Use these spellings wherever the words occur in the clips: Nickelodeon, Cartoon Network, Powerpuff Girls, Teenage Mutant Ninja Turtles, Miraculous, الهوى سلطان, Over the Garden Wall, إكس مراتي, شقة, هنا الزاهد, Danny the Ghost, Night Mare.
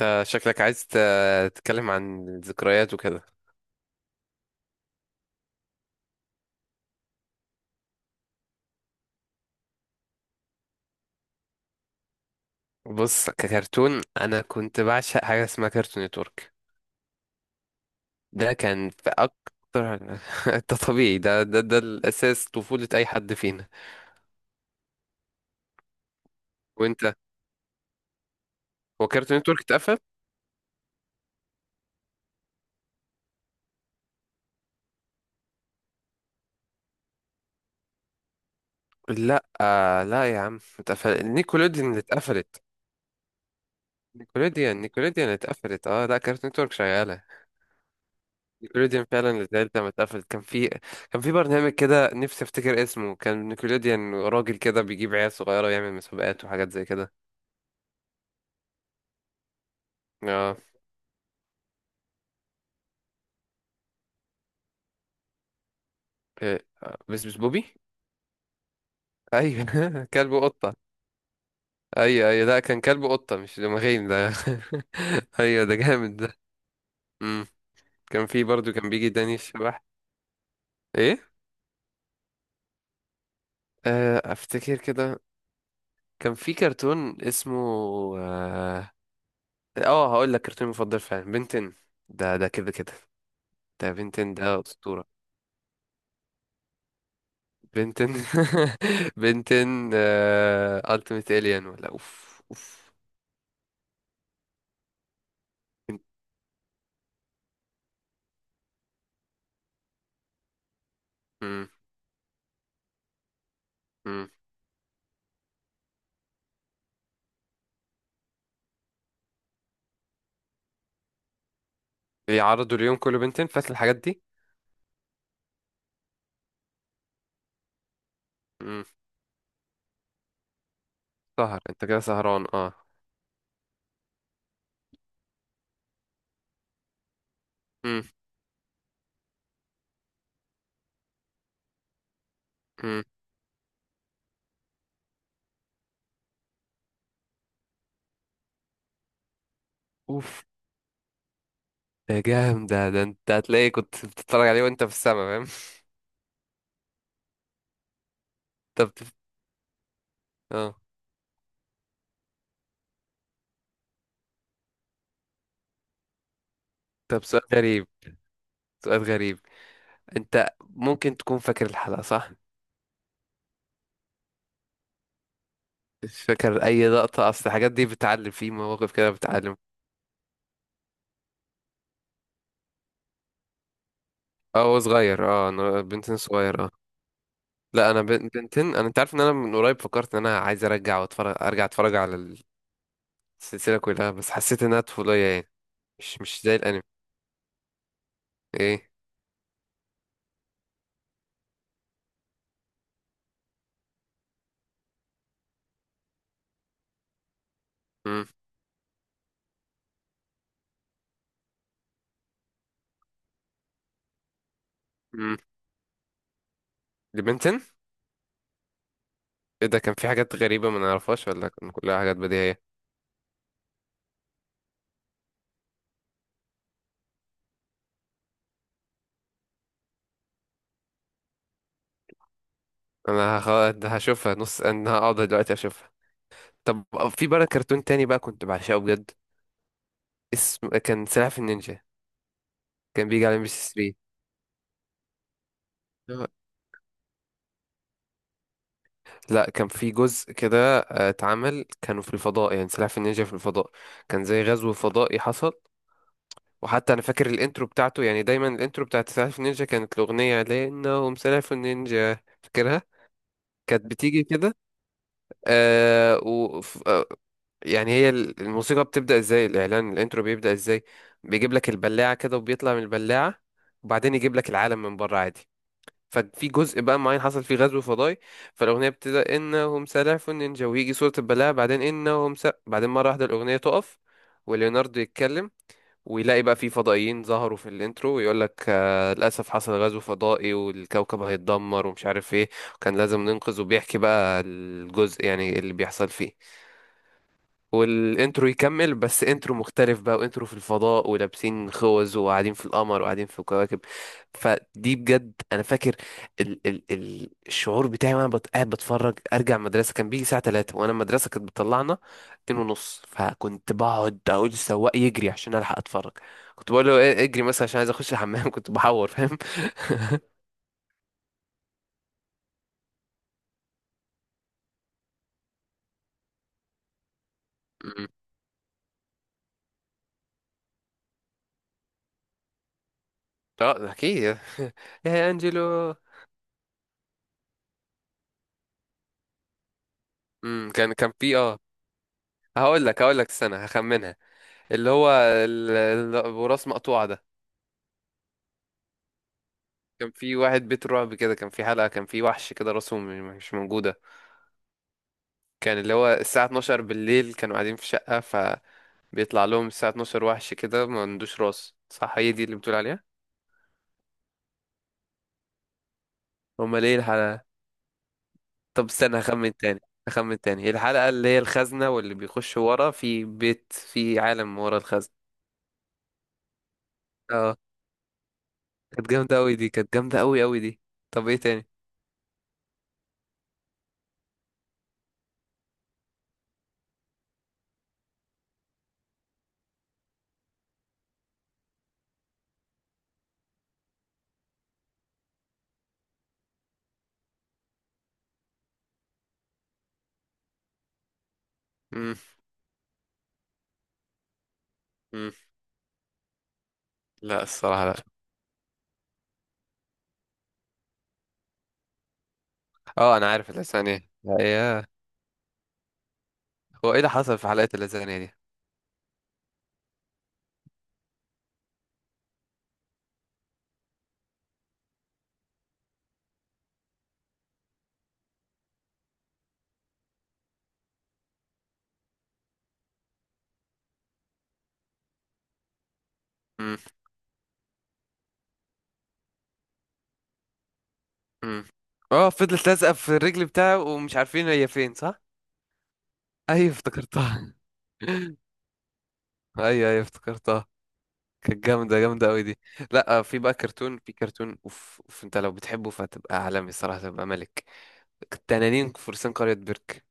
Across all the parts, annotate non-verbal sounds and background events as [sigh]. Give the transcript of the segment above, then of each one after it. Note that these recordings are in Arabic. انت شكلك عايز تتكلم عن الذكريات وكده. بص، ككرتون انا كنت بعشق حاجه اسمها كرتون نتورك. ده كان في اكتر [laughs] ده طبيعي، ده الاساس، طفوله اي حد فينا. وانت؟ هو كرتون نتورك اتقفل؟ لا آه، لا يا عم، اتقفل نيكولوديان اللي اتقفلت. نيكولوديان، اللي اتقفلت، اه. لا، كرتون نتورك شغاله. نيكوليديان فعلا التالتة، لما اتقفلت كان في، كان في برنامج كده نفسي افتكر اسمه، كان نيكوليديان، راجل كده بيجيب عيال صغيرة ويعمل مسابقات وحاجات زي كده. اه، إيه، بس بوبي. ايوه. [laughs] كلب وقطة. ايوه، لا كان كلب وقطة مش دماغين ده. [laughs] ايوه، ده جامد ده. امم، كان في برضو كان بيجي داني الشبح. ايه؟ آه، افتكر كده. كان في كرتون اسمه، اه، آه هقول لك، كرتون مفضل فعلا بنتن. ده كده. ده بنتن ده أسطورة. بنتن. [laughs] بنتن التيميت الين، ولا اوف اوف. مم، مم. بيعرضوا اليوم كله بنتن، فات الحاجات دي؟ مم. سهر انت كده، سهران اه. مم، مم. اوف. ده جامد ده، ده انت هتلاقي كنت بتتفرج عليه وانت في السما، فاهم؟ [laughs] طب، اه. طب، سؤال غريب، سؤال غريب، انت ممكن تكون فاكر الحلقة، صح؟ مش فاكر اي لقطة، اصل الحاجات دي بتعلم، في مواقف كده بتعلم. اه هو صغير، اه، بنتن صغير آه. لا انا بنتين. انت عارف ان انا من قريب فكرت ان انا عايز ارجع واتفرج، ارجع اتفرج على السلسله كلها، بس حسيت انها طفوليه يعني. مش زي الانمي. ايه. امم. امم. لبنتين. ايه ده، كان في حاجات غريبه ما نعرفهاش ولا كان كلها حاجات بديهيه؟ هشوفها نص، انا هقعد دلوقتي اشوفها. طب، في بقى كرتون تاني بقى كنت بعشقه بجد، اسم كان سلاحف النينجا. كان بيجي على ام بي سي 3. لا، كان في جزء كده آه، اتعمل كانوا في الفضاء، يعني سلاحف النينجا في الفضاء، كان زي غزو فضائي حصل. وحتى انا فاكر الانترو بتاعته، يعني دايما الانترو بتاعت سلاش نينجا كانت الاغنيه لانهم سلاش نينجا، فاكرها؟ كانت بتيجي كده، آه، و يعني هي الموسيقى بتبدا ازاي، الاعلان الانترو بيبدا ازاي، بيجيب لك البلاعه كده وبيطلع من البلاعه وبعدين يجيب لك العالم من بره عادي. ففي جزء بقى معين حصل فيه غزو فضائي، فالاغنيه بتبدا انهم سلاحف نينجا ويجي صوره البلاعه، بعدين مره واحده الاغنيه تقف وليوناردو يتكلم ويلاقي بقى في فضائيين ظهروا في الانترو، ويقول لك آه للاسف حصل غزو فضائي والكوكب هيتدمر ومش عارف ايه، وكان لازم ننقذ، وبيحكي بقى الجزء يعني اللي بيحصل فيه. والانترو يكمل بس انترو مختلف بقى، وانترو في الفضاء ولابسين خوذ وقاعدين في القمر وقاعدين في الكواكب. فدي بجد انا فاكر ال الشعور بتاعي وانا قاعد بتفرج ارجع مدرسه، كان بيجي الساعه 3 وانا المدرسه كانت بتطلعنا 2 ونص، فكنت بقعد اقول للسواق يجري عشان الحق اتفرج. كنت بقول له إيه، اجري مثلا عشان عايز اخش الحمام. [laughs] كنت بحور، فاهم؟ [laughs] أمم. اه اكيد. [laughs] يا انجلو. أمم، كان كان في اه، هقول لك، استنى هخمنها. اللي هو ابو راس مقطوعه ده، كان في واحد بيت رعب كده، كان في حلقه كان في وحش كده راسه مش موجوده، كان اللي هو الساعه 12 بالليل كانوا قاعدين في شقه فبيطلع لهم الساعه 12 وحش كده ما عندوش راس، صح؟ هي دي اللي بتقول عليها؟ امال ايه الحلقه؟ طب استنى هخمن تاني، هخمن تاني: الحلقه اللي هي الخزنه، واللي بيخش ورا في بيت في عالم ورا الخزنه. اه. كانت جامده قوي دي، كانت جامده قوي قوي دي. طب ايه تاني؟ امم. لا الصراحه لا. اه انا عارف الاسامي، ايه لا، ايه؟ هو ايه اللي حصل في حلقة اللازانيا دي؟ مم. مم. اه فضلت لازقة في الرجل بتاعه ومش عارفين هي فين، صح؟ ايوه افتكرتها. [laughs] ايوه افتكرتها، كانت جامدة قوي دي. لا آه، في بقى كرتون، في كرتون أوف، انت لو بتحبه فتبقى عالمي الصراحة، تبقى ملك التنانين فرسان قرية بيرك.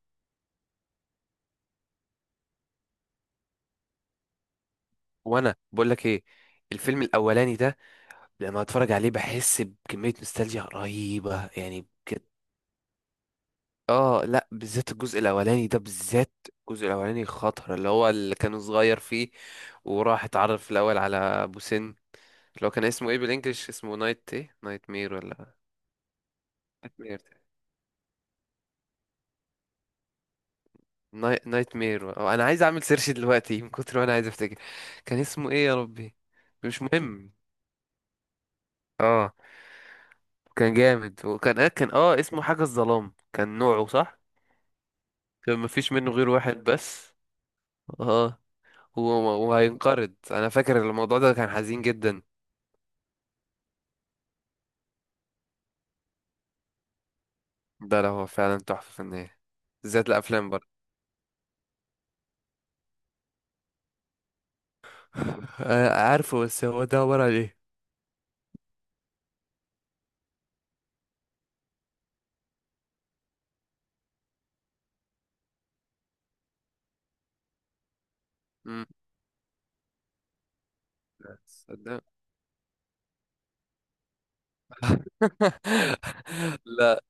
وانا بقول لك ايه، الفيلم الاولاني ده لما اتفرج عليه بحس بكمية نوستالجيا رهيبة يعني. اه لا بالذات الجزء الاولاني ده بالذات، الجزء الاولاني خطر اللي هو اللي كان صغير فيه وراح اتعرف الاول على ابو سن. اللي هو كان اسمه ايه بالانجلش، اسمه نايت ايه، نايت مير ولا؟ نايت مير، نايت مير. اه انا عايز اعمل سيرش دلوقتي من كتر ما انا عايز افتكر كان اسمه ايه يا ربي. مش مهم. اه كان جامد وكان آه، كان اه اسمه حاجة الظلام، كان نوعه صح. كان مفيش منه غير واحد بس. اه. و- وهينقرض، انا فاكر الموضوع ده كان حزين جدا. ده لا هو فعلا تحفة فنية، بالذات الأفلام برضه. [laughs] آه، عارفه، بس هو ده عبارة عن ايه؟ مم. صدق. [laughs] لا،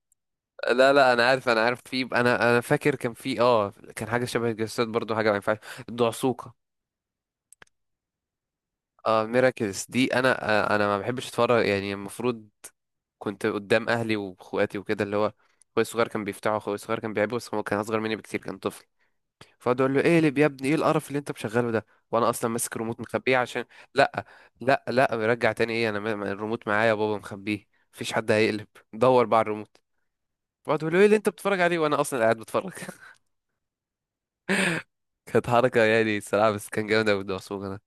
لا انا عارف، انا عارف، في انا انا فاكر كان في اه كان حاجه شبه الجسد برضو، حاجه ما ينفعش، الدعسوقه. اه ميراكلز دي، انا آه، انا ما بحبش اتفرج، يعني المفروض كنت قدام اهلي واخواتي وكده، اللي هو اخويا الصغير كان بيفتحه، اخويا الصغير كان بيحبه بس هو كان اصغر مني بكتير كان طفل. فقعد اقول له ايه اللي، يا ابني ايه القرف اللي انت مشغله ده، وانا اصلا ماسك الريموت مخبيه عشان. لا، لا رجع تاني، ايه انا الريموت معايا يا بابا، مخبيه، مفيش حد هيقلب. دور بقى على الريموت. فقعد يقول له ايه اللي انت بتتفرج عليه وانا اصلا قاعد بتفرج. [laughs] كانت حركه يعني الصراحه، بس كان جامد قوي الدعسوقه ده.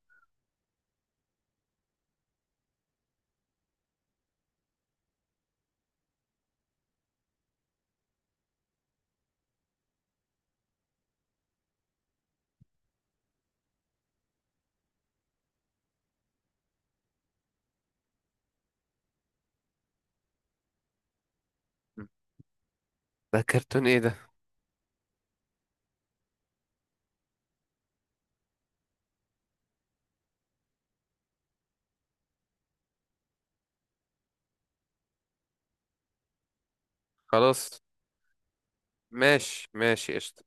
ده كرتون ايه ده؟ خلاص، ماشي ماشي، قشطة.